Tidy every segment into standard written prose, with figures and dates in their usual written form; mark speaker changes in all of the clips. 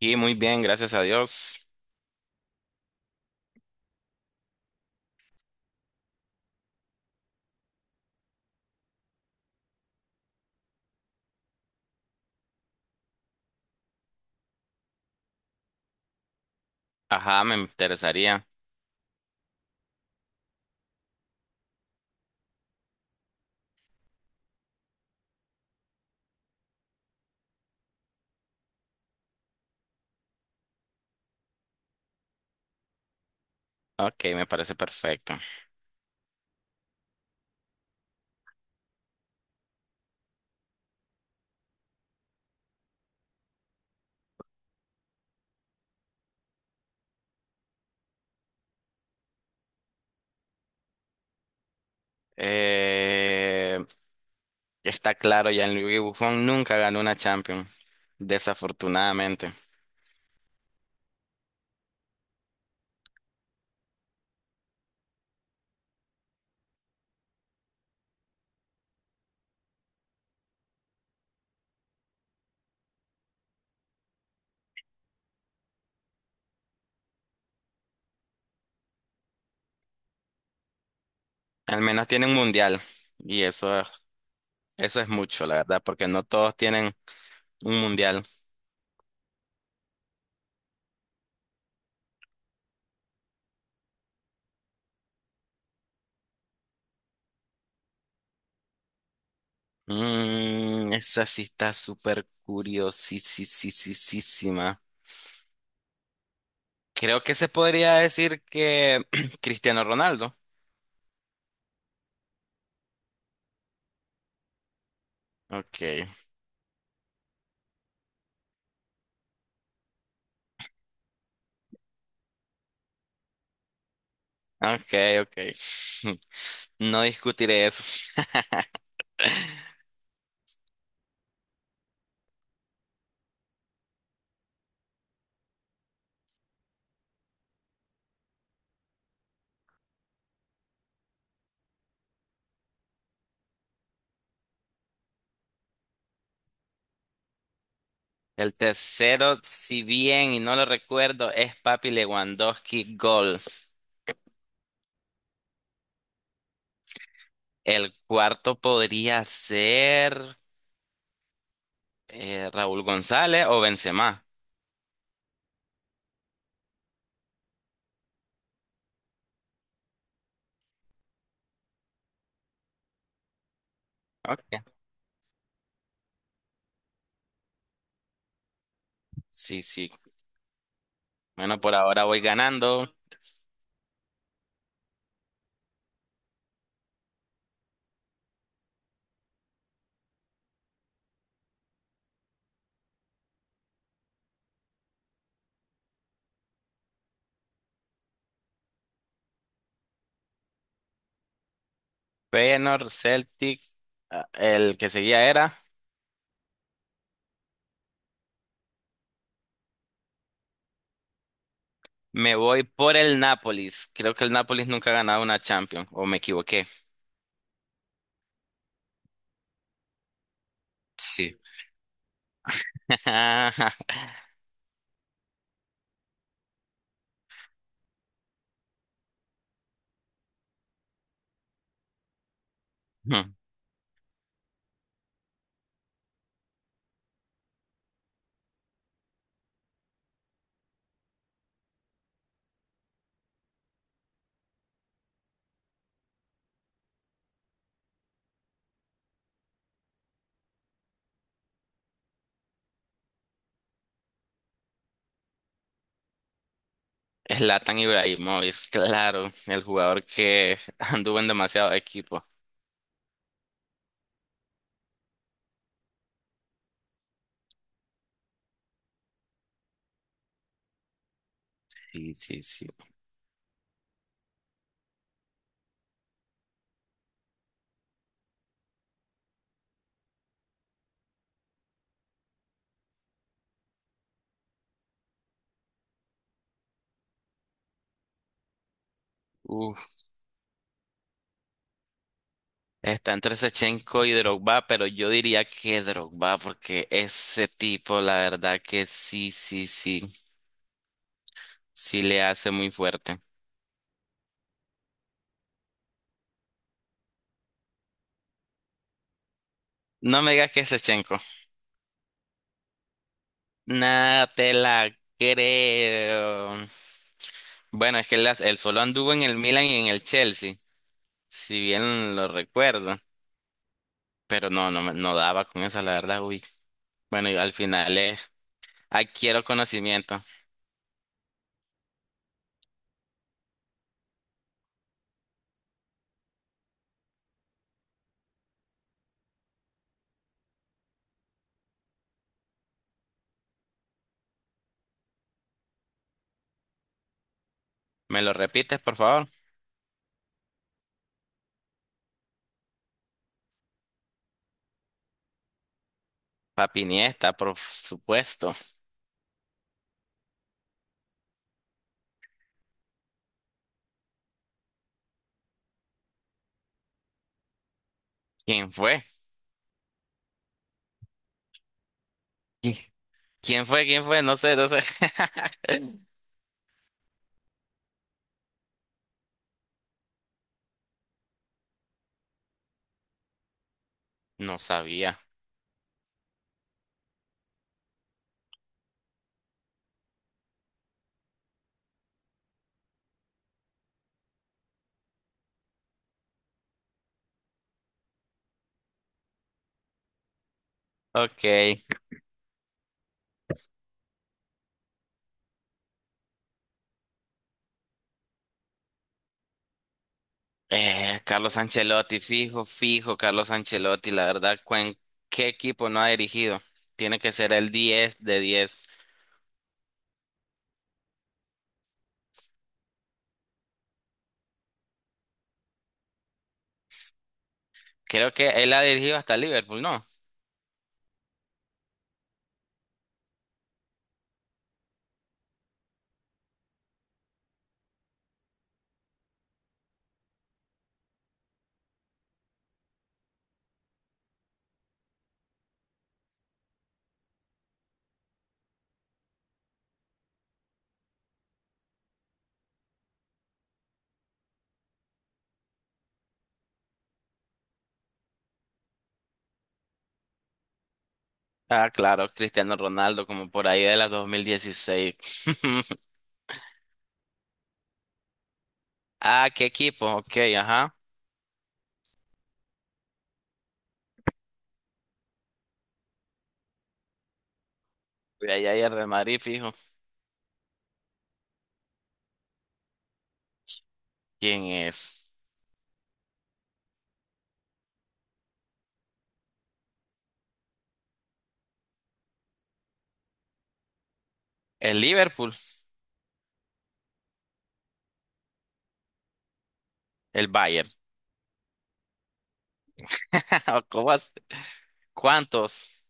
Speaker 1: Y muy bien, gracias a Dios. Ajá, me interesaría. Ok, me parece perfecto. Eh, Está claro, Gianluigi Buffon nunca ganó una Champions, desafortunadamente. Al menos tiene un mundial y eso es mucho, la verdad, porque no todos tienen un mundial. Mm, esa sí está súper curiosísima. Creo que se podría decir que Cristiano Ronaldo. Ok, ok, ok. No discutiré eso. El tercero, si bien y no lo recuerdo, es Papi Lewandowski Golf. El cuarto podría ser Raúl González o Benzema. Ok. Sí, sí. Bueno, por ahora voy ganando. Feyenoord, Celtic, ah, el que seguía era. Me voy por el Nápoles. Creo que el Nápoles nunca ha ganado una Champions, o me equivoqué. Sí. Zlatan Ibrahimovic, claro, el jugador que anduvo en demasiados equipos. Sí, sí, sí. Uf, está entre Shevchenko y Drogba, pero yo diría que Drogba, porque ese tipo, la verdad que sí, sí, sí, sí le hace muy fuerte. No me digas que es Shevchenko. Nada, te la creo. Bueno, es que él solo anduvo en el Milan y en el Chelsea, si bien lo recuerdo, pero no daba con esa, la verdad, uy. Bueno, y al final es adquiero conocimiento. ¿Me lo repites, por favor? Papi Niesta, por supuesto. ¿Quién fue? ¿Qui- ¿Quién fue? ¿Quién fue? No sé, no sé. No sabía. Ok. Carlos Ancelotti, fijo, fijo, Carlos Ancelotti. ¿En qué equipo no ha dirigido? Tiene que ser el 10 de diez. Creo que él ha dirigido hasta Liverpool, ¿no? Ah, claro, Cristiano Ronaldo, como por ahí de la 2016. Ah, ¿qué equipo? Ok, ajá. Mira, ahí hay el Real Madrid, fijo. ¿Quién es? El Liverpool, el Bayern. ¿Cómo así? ¿Cuántos?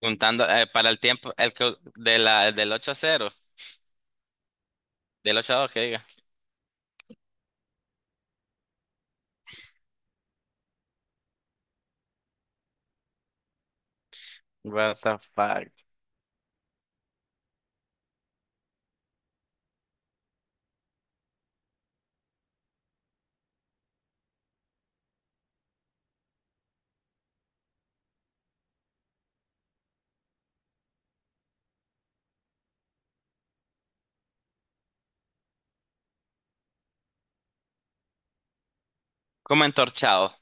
Speaker 1: Juntando para el tiempo el que- de la, del 8 a 0, del 8 a 2 que diga. What the fuck? Como entorchado.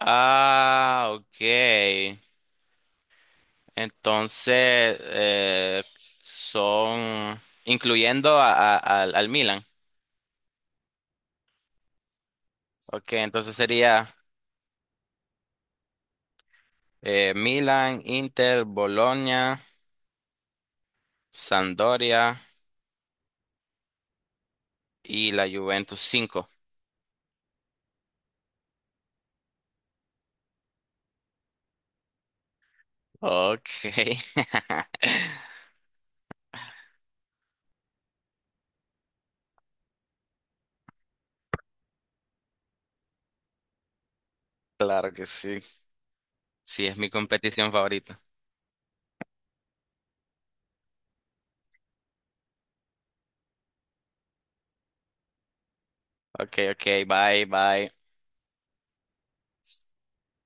Speaker 1: Ah, ok. Entonces, son incluyendo al Milan. Ok, entonces sería Milan, Inter, Bolonia, Sampdoria y la Juventus cinco. Ok. Claro que sí. Sí, es mi competición favorita. Ok, ok, bye, bye.